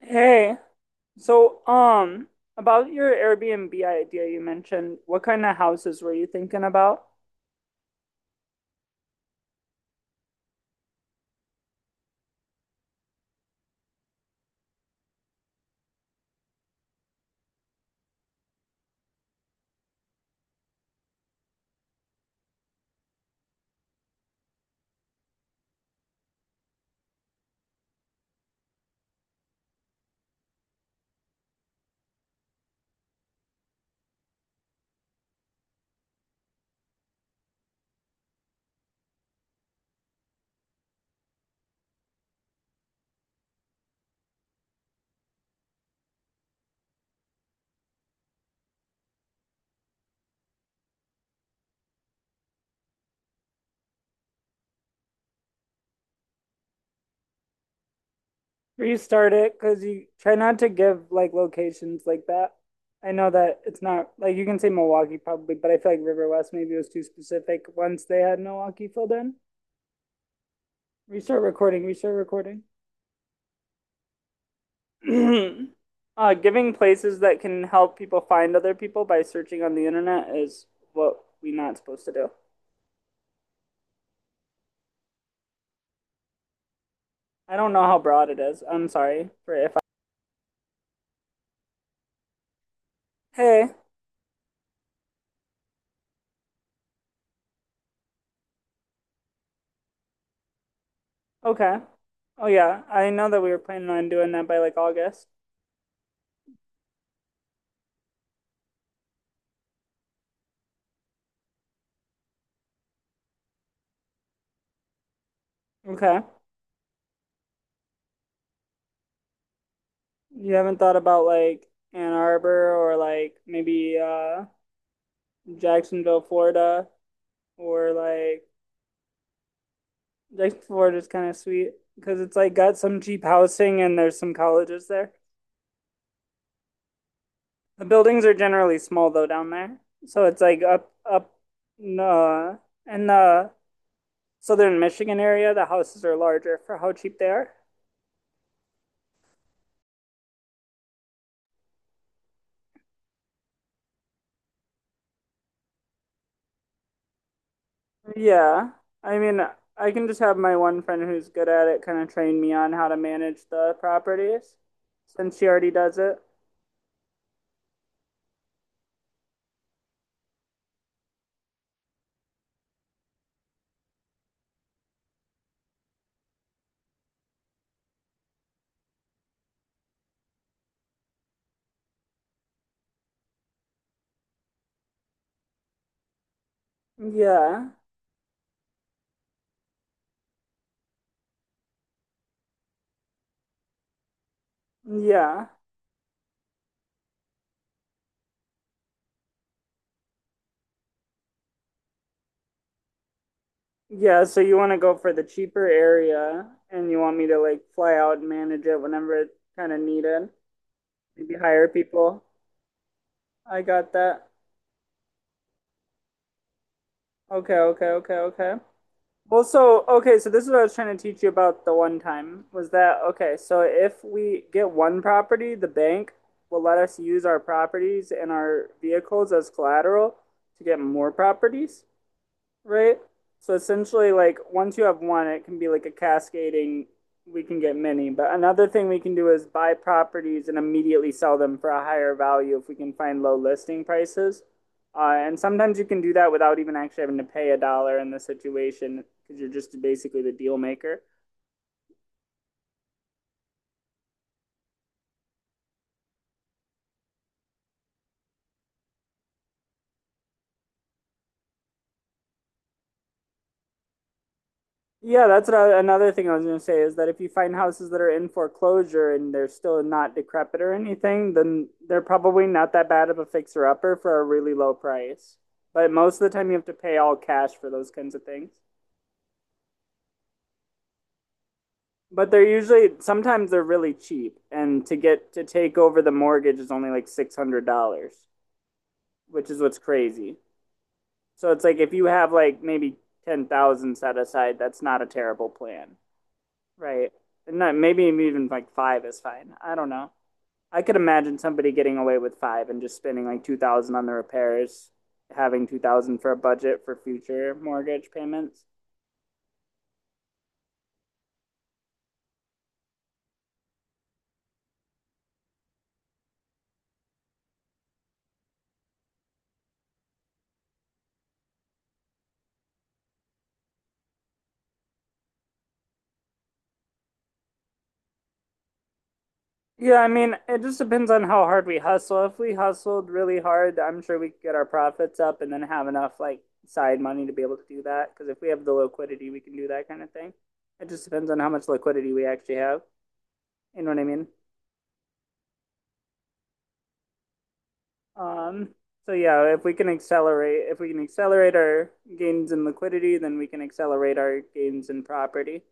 Hey, so um, about your Airbnb idea you mentioned, what kind of houses were you thinking about? Restart it because you try not to give like locations like that. I know that it's not like you can say Milwaukee probably, but I feel like River West maybe was too specific once they had Milwaukee filled in. Restart recording, restart recording. Giving places that can help people find other people by searching on the internet is what we're not supposed to do. I don't know how broad it is. I'm sorry for if I. Hey. Okay. Oh yeah, I know that we were planning on doing that by like August. Okay. You haven't thought about like Ann Arbor or like maybe Jacksonville, Florida, or like Jacksonville, Florida is kind of sweet because it's like got some cheap housing and there's some colleges there. The buildings are generally small though down there, so it's like up uh, in the southern Michigan area. The houses are larger for how cheap they are. Yeah. I mean, I can just have my one friend who's good at it kind of train me on how to manage the properties since she already does it. Yeah. Yeah. Yeah, so you want to go for the cheaper area and you want me to like fly out and manage it whenever it's kind of needed. Maybe hire people. I got that. Okay, okay, okay, okay. Well, so okay, so this is what I was trying to teach you about the one time was that okay, so if we get one property, the bank will let us use our properties and our vehicles as collateral to get more properties, right? So essentially, like once you have one, it can be like a cascading. We can get many, but another thing we can do is buy properties and immediately sell them for a higher value if we can find low listing prices. And sometimes you can do that without even actually having to pay a dollar in the situation because you're just basically the deal maker. Yeah, that's another thing I was going to say is that if you find houses that are in foreclosure and they're still not decrepit or anything, then they're probably not that bad of a fixer upper for a really low price. But most of the time, you have to pay all cash for those kinds of things. But they're usually sometimes they're really cheap, and to get to take over the mortgage is only like $600, which is what's crazy. So it's like if you have like maybe 10,000 set aside, that's not a terrible plan. Right. Not, maybe even like five is fine. I don't know. I could imagine somebody getting away with five and just spending like 2,000 on the repairs, having 2,000 for a budget for future mortgage payments. Yeah, I mean, it just depends on how hard we hustle. If we hustled really hard, I'm sure we could get our profits up and then have enough like side money to be able to do that. Because if we have the liquidity, we can do that kind of thing. It just depends on how much liquidity we actually have. You know what I mean? Um, so yeah, if we can accelerate our gains in liquidity, then we can accelerate our gains in property.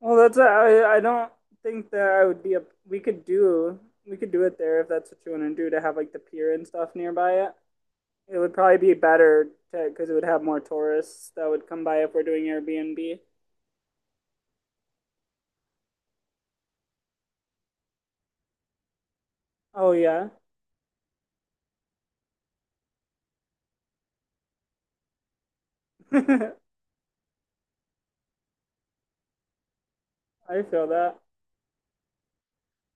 Well, that's I don't think that I would be a we could do we could do it there if that's what you want to do to have like the pier and stuff nearby it. It would probably be better because it would have more tourists that would come by if we're doing Airbnb. Oh yeah, I feel that.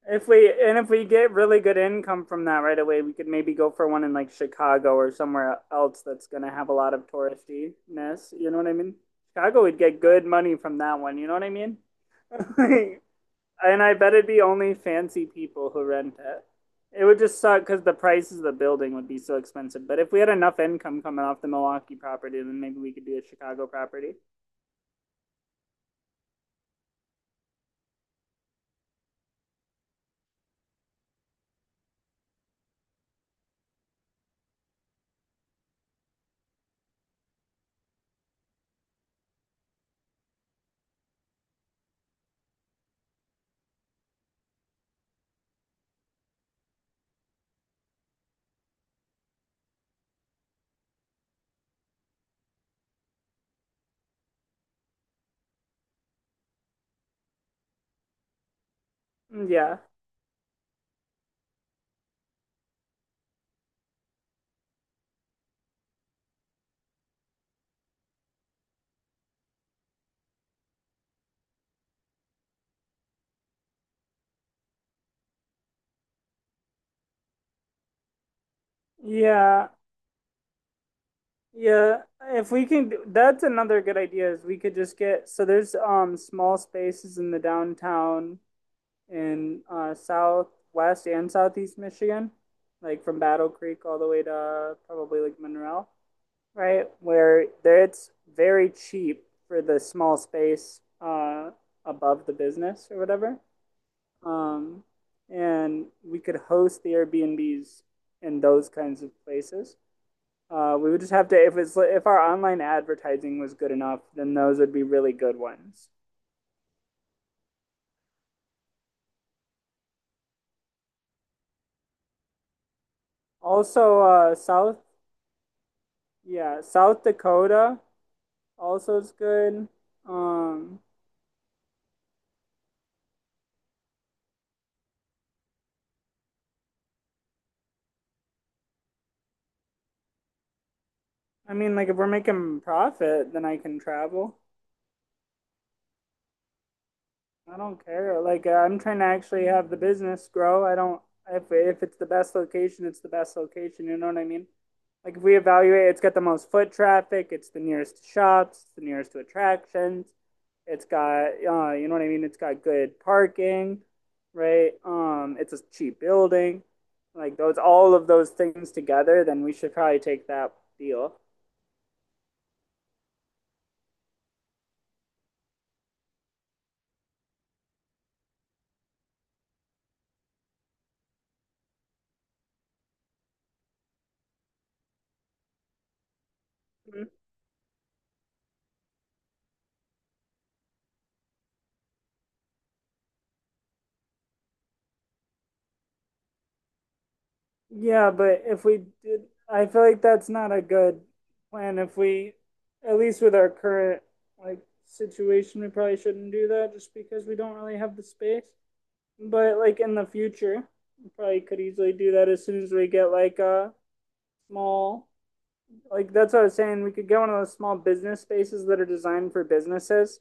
If we and if we get really good income from that right away, we could maybe go for one in like Chicago or somewhere else that's gonna have a lot of touristiness. You know what I mean? Chicago would get good money from that one. You know what I mean? And I bet it'd be only fancy people who rent it. It would just suck because the prices of the building would be so expensive. But if we had enough income coming off the Milwaukee property, then maybe we could do a Chicago property. Mm, yeah. Yeah, yeah, if we can, do- that's another good idea is we could just get, so there's small spaces in the downtown in southwest and southeast Michigan, like from Battle Creek all the way to probably like Monroe, right? Where there it's very cheap for the small space above the business or whatever. Um and we could host the Airbnbs in those kinds of places. We would just have to if it's if our online advertising was good enough, then those would be really good ones. Also, South Dakota also is good. Um, I mean, like if we're making profit, then I can travel. I don't care. I'm trying to actually have the business grow. I don't if it's the best location, it's the best location. You know what I mean? Like if we evaluate, it's got the most foot traffic. It's the nearest to shops. It's the nearest to attractions. It's got you know what I mean? It's got good parking, right? It's a cheap building. Like those, all of those things together, then we should probably take that deal. Yeah, but if we did, I feel like that's not a good plan. If we, at least with our current like situation, we probably shouldn't do that just because we don't really have the space. But like in the future, we probably could easily do that as soon as we get like a small, like that's what I was saying. We could get one of those small business spaces that are designed for businesses,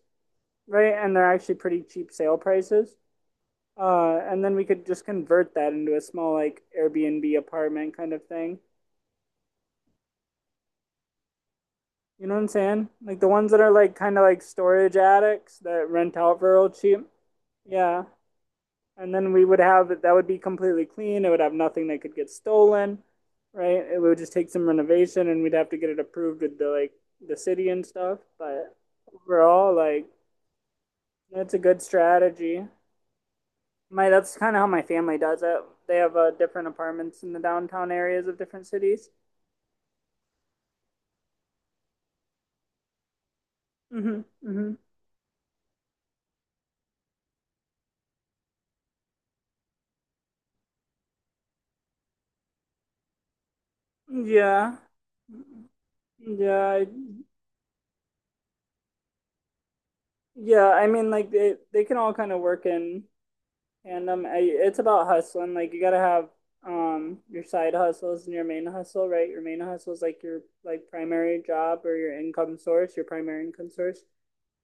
right? And they're actually pretty cheap sale prices. And then we could just convert that into a small like Airbnb apartment kind of thing. You know what I'm saying? Like the ones that are like kind of like storage attics that rent out for real cheap. Yeah. And then we would have it, that would be completely clean. It would have nothing that could get stolen, right? It would just take some renovation and we'd have to get it approved with the like the city and stuff. But overall, like that's a good strategy. My That's kind of how my family does it. They have different apartments in the downtown areas of different cities. Mm-hmm. Mm-hmm. Yeah. Yeah, I, Yeah, I mean, like they can all kind of work in tandem. It's about hustling. Like you gotta have your side hustles and your main hustle, right? Your main hustle is like your like primary job or your income source, your primary income source.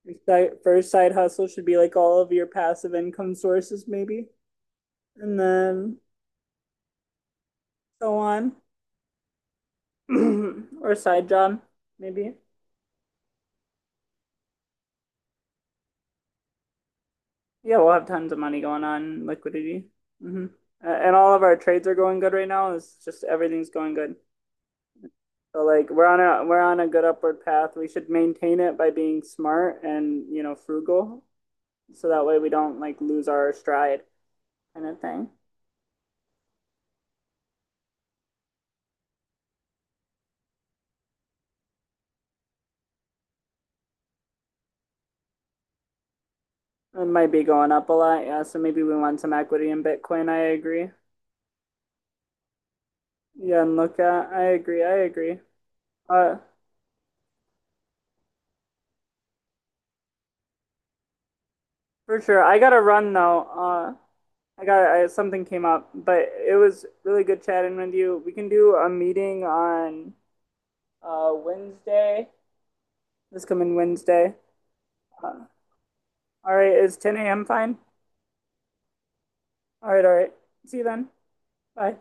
Your side, first side hustle should be like all of your passive income sources, maybe, and then so on, or side job, maybe. Yeah, we'll have tons of money going on liquidity. Mm-hmm. And all of our trades are going good right now. It's just everything's going good. So like we're on a good upward path. We should maintain it by being smart and you know frugal, so that way we don't like lose our stride kind of thing. It might be going up a lot, yeah. So maybe we want some equity in Bitcoin. I agree. Yeah, and look at I agree. I agree. Uh, for sure. I gotta run though. Something came up, but it was really good chatting with you. We can do a meeting on Wednesday. This coming Wednesday. Uh, all right, is 10 a.m. fine? All right, all right. See you then. Bye.